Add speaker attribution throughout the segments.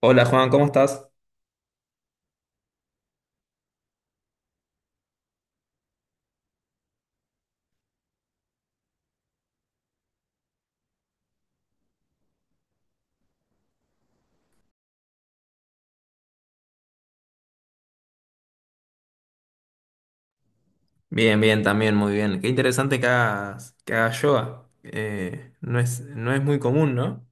Speaker 1: Hola Juan, ¿cómo estás? Bien, bien, también, muy bien. Qué interesante que hagas yoga. No es, no es muy común, ¿no?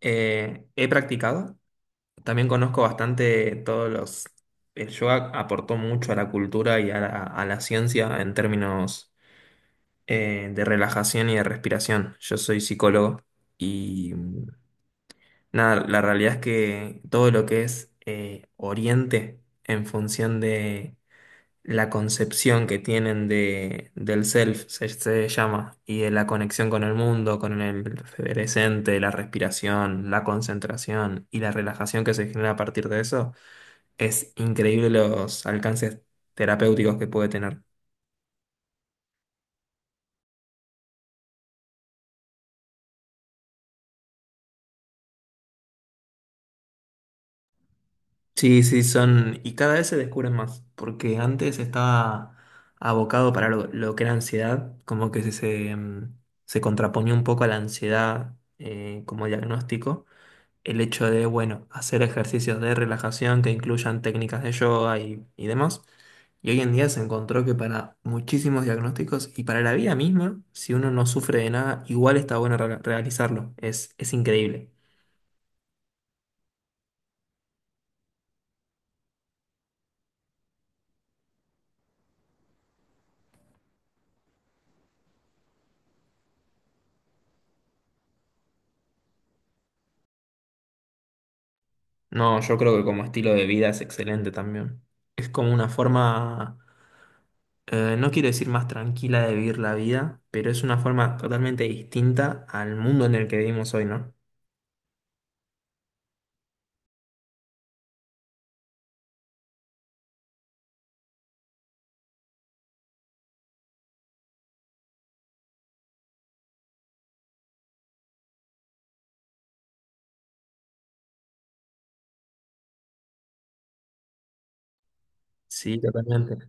Speaker 1: He practicado. También conozco bastante todos los... El yoga aportó mucho a la cultura y a la ciencia en términos de relajación y de respiración. Yo soy psicólogo y nada, la realidad es que todo lo que es Oriente en función de la concepción que tienen de, del self, se llama, y de la conexión con el mundo, con el presente, la respiración, la concentración y la relajación que se genera a partir de eso, es increíble los alcances terapéuticos que puede tener. Sí, sí, son, y cada vez se descubren más, porque antes estaba abocado para lo que era ansiedad, como que se contraponía un poco a la ansiedad como diagnóstico. El hecho de, bueno, hacer ejercicios de relajación que incluyan técnicas de yoga y demás. Y hoy en día se encontró que para muchísimos diagnósticos y para la vida misma, si uno no sufre de nada, igual está bueno realizarlo. Es increíble. No, yo creo que como estilo de vida es excelente también. Es como una forma, no quiero decir más tranquila de vivir la vida, pero es una forma totalmente distinta al mundo en el que vivimos hoy, ¿no? Sí, totalmente.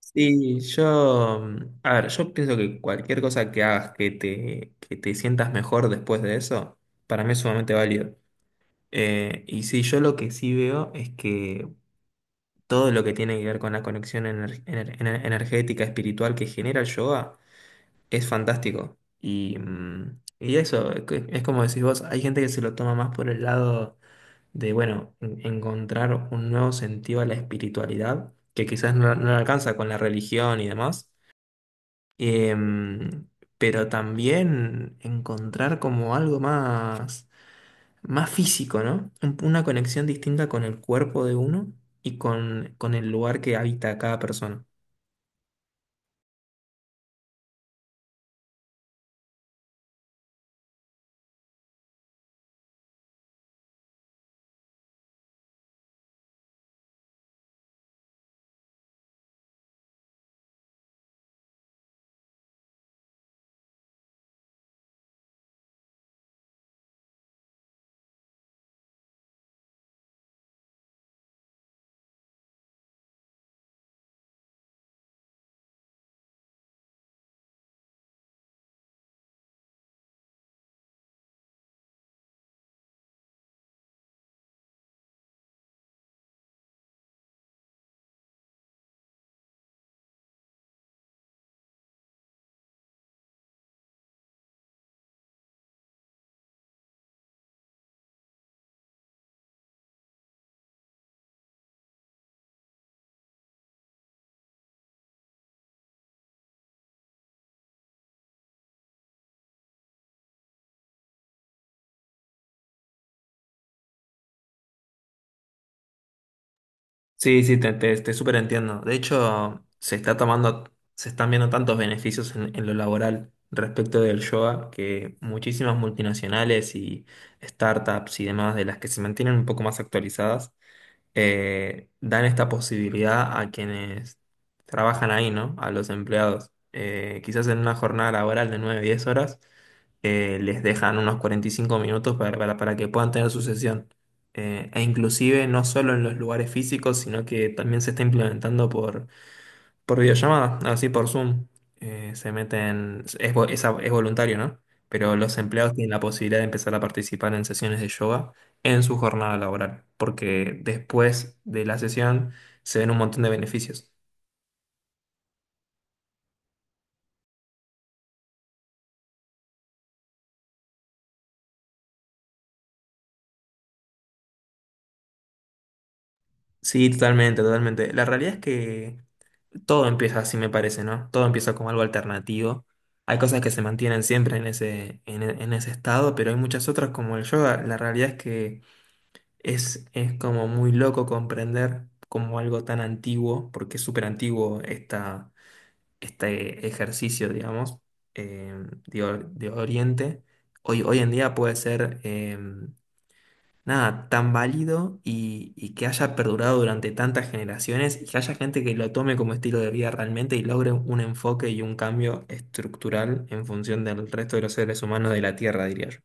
Speaker 1: Sí, yo, a ver, yo pienso que cualquier cosa que hagas que te sientas mejor después de eso, para mí es sumamente válido. Y sí, yo lo que sí veo es que todo lo que tiene que ver con la conexión energética, espiritual que genera el yoga es fantástico. Y, y eso, es que- es como decís vos, hay gente que se lo toma más por el lado de, bueno, encontrar un nuevo sentido a la espiritualidad, que quizás no, no alcanza con la religión y demás. Em, pero también encontrar como algo más, más físico, ¿no? Una conexión distinta con el cuerpo de uno y con el lugar que habita cada persona. Sí, sí, te súper entiendo. De hecho, se está tomando, se están viendo tantos beneficios en lo laboral respecto del yoga que muchísimas multinacionales y startups y demás de las que se mantienen un poco más actualizadas dan esta posibilidad a quienes trabajan ahí, ¿no? A los empleados. Quizás en una jornada laboral de 9 10 horas, les dejan unos 45 minutos para, para que puedan tener su sesión. E inclusive no solo en los lugares físicos, sino que también se está implementando por videollamada, así por Zoom, se meten, es, vo- es, a- es voluntario, ¿no? Pero los empleados tienen la posibilidad de empezar a participar en sesiones de yoga en su jornada laboral, porque después de la sesión se ven un montón de beneficios. Sí, totalmente, totalmente. La realidad es que todo empieza así, me parece, ¿no? Todo empieza como algo alternativo. Hay cosas que se mantienen siempre en ese, en ese estado, pero hay muchas otras como el yoga. La realidad es que... es como muy loco comprender como algo tan antiguo, porque es súper antiguo esta, este ejercicio, digamos, eh, de, de Oriente. Hoy, hoy en día puede ser nada tan válido y que haya perdurado durante tantas generaciones y que haya gente que lo tome como estilo de vida realmente y logre un enfoque y un cambio estructural en función del resto de los seres humanos de la Tierra, diría yo.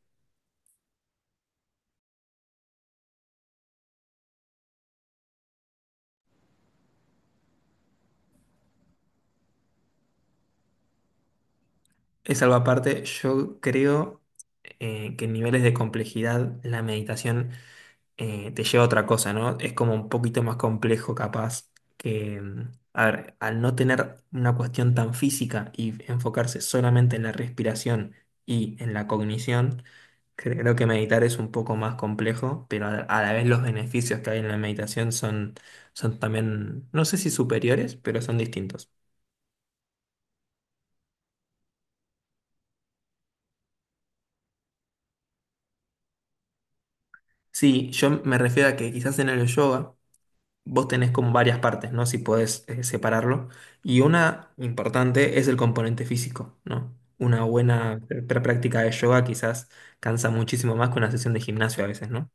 Speaker 1: Es algo aparte, yo creo que en niveles de complejidad la meditación te lleva a otra cosa, ¿no? Es como un poquito más complejo capaz que, a ver, al no tener una cuestión tan física y enfocarse solamente en la respiración y en la cognición, creo que meditar es un poco más complejo, pero a la vez los beneficios que hay en la meditación son, son también, no sé si superiores, pero son distintos. Sí, yo me refiero a que quizás en el yoga, vos tenés como varias partes, ¿no? Si podés separarlo. Y una importante es el componente físico, ¿no? Una buena práctica de yoga quizás cansa muchísimo más que una sesión de gimnasio a veces, ¿no?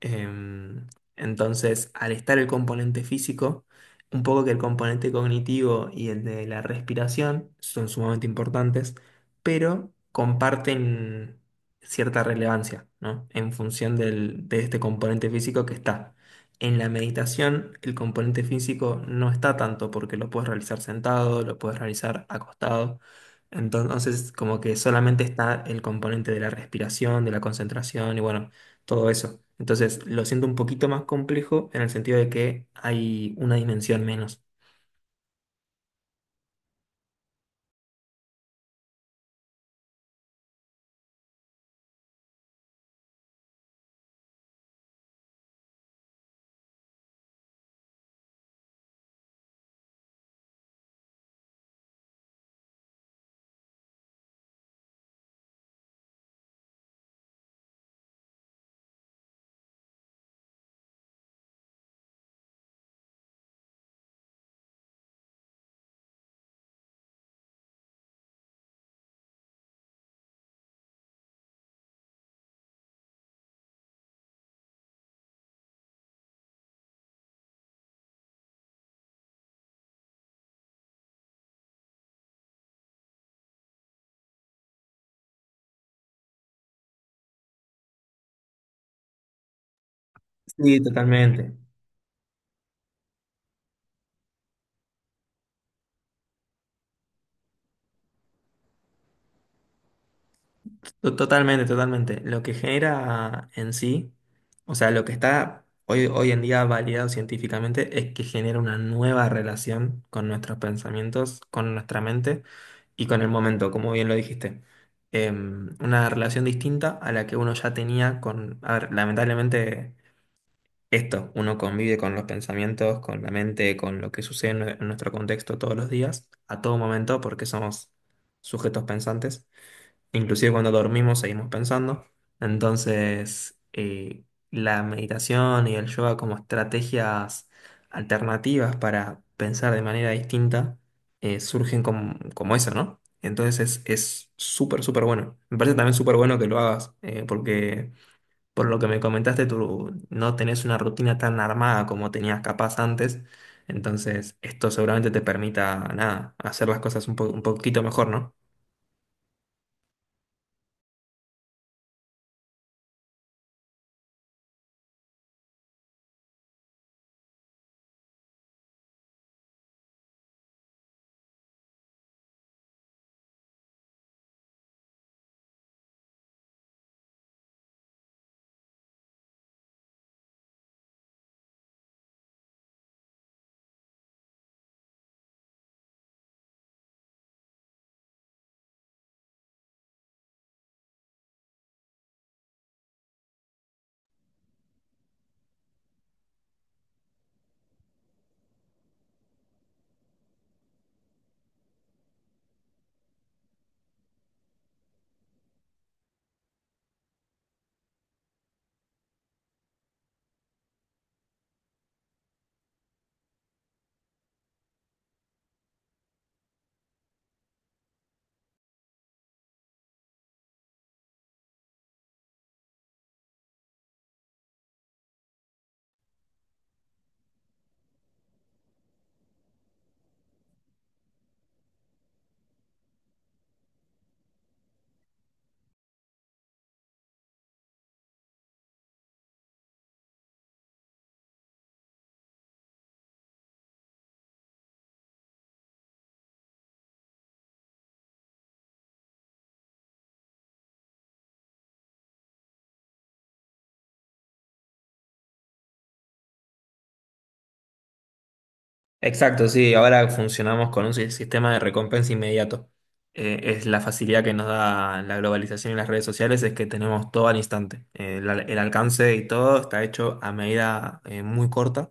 Speaker 1: Em, entonces, al estar el componente físico, un poco que el componente cognitivo y el de la respiración son sumamente importantes, pero comparten cierta relevancia, ¿no? En función de este componente físico que está. En la meditación, el componente físico no está tanto porque lo puedes realizar sentado, lo puedes realizar acostado. Entonces, como que solamente está el componente de la respiración, de la concentración y bueno todo eso. Entonces, lo siento un poquito más complejo en el sentido de que hay una dimensión menos. Sí, totalmente. Totalmente, totalmente. Lo que genera en sí, o sea, lo que está hoy, hoy en día validado científicamente es que genera una nueva relación con nuestros pensamientos, con nuestra mente y con el momento, como bien lo dijiste. Una relación distinta a la que uno ya tenía con, a ver, lamentablemente esto, uno convive con los pensamientos, con la mente, con lo que sucede en, en nuestro contexto todos los días, a todo momento, porque somos sujetos pensantes. Inclusive cuando dormimos seguimos pensando. Entonces, la meditación y el yoga como estrategias alternativas para pensar de manera distinta, surgen como, como eso, ¿no? Entonces es súper, súper bueno. Me parece también súper bueno que lo hagas, porque... Por lo que me comentaste, tú no tenés una rutina tan armada como tenías capaz antes, entonces esto seguramente te permita, nada, hacer las cosas un un poquito mejor, ¿no? Exacto, sí, ahora funcionamos con un sistema de recompensa inmediato. Es la facilidad que nos da la globalización y las redes sociales, es que tenemos todo al instante. El alcance y todo está hecho a medida muy corta.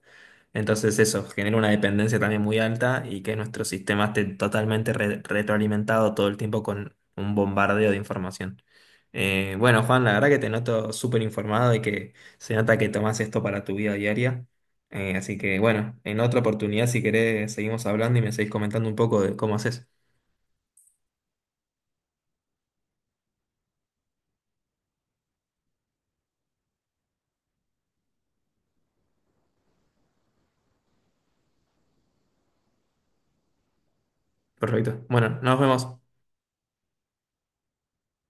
Speaker 1: Entonces eso genera una dependencia también muy alta y que nuestro sistema esté totalmente retroalimentado todo el tiempo con un bombardeo de información. Bueno, Juan, la verdad que te noto súper informado y que se nota que tomas esto para tu vida diaria. Así que bueno, en otra oportunidad, si querés, seguimos hablando y me seguís comentando un poco de cómo haces. Perfecto. Bueno, nos vemos.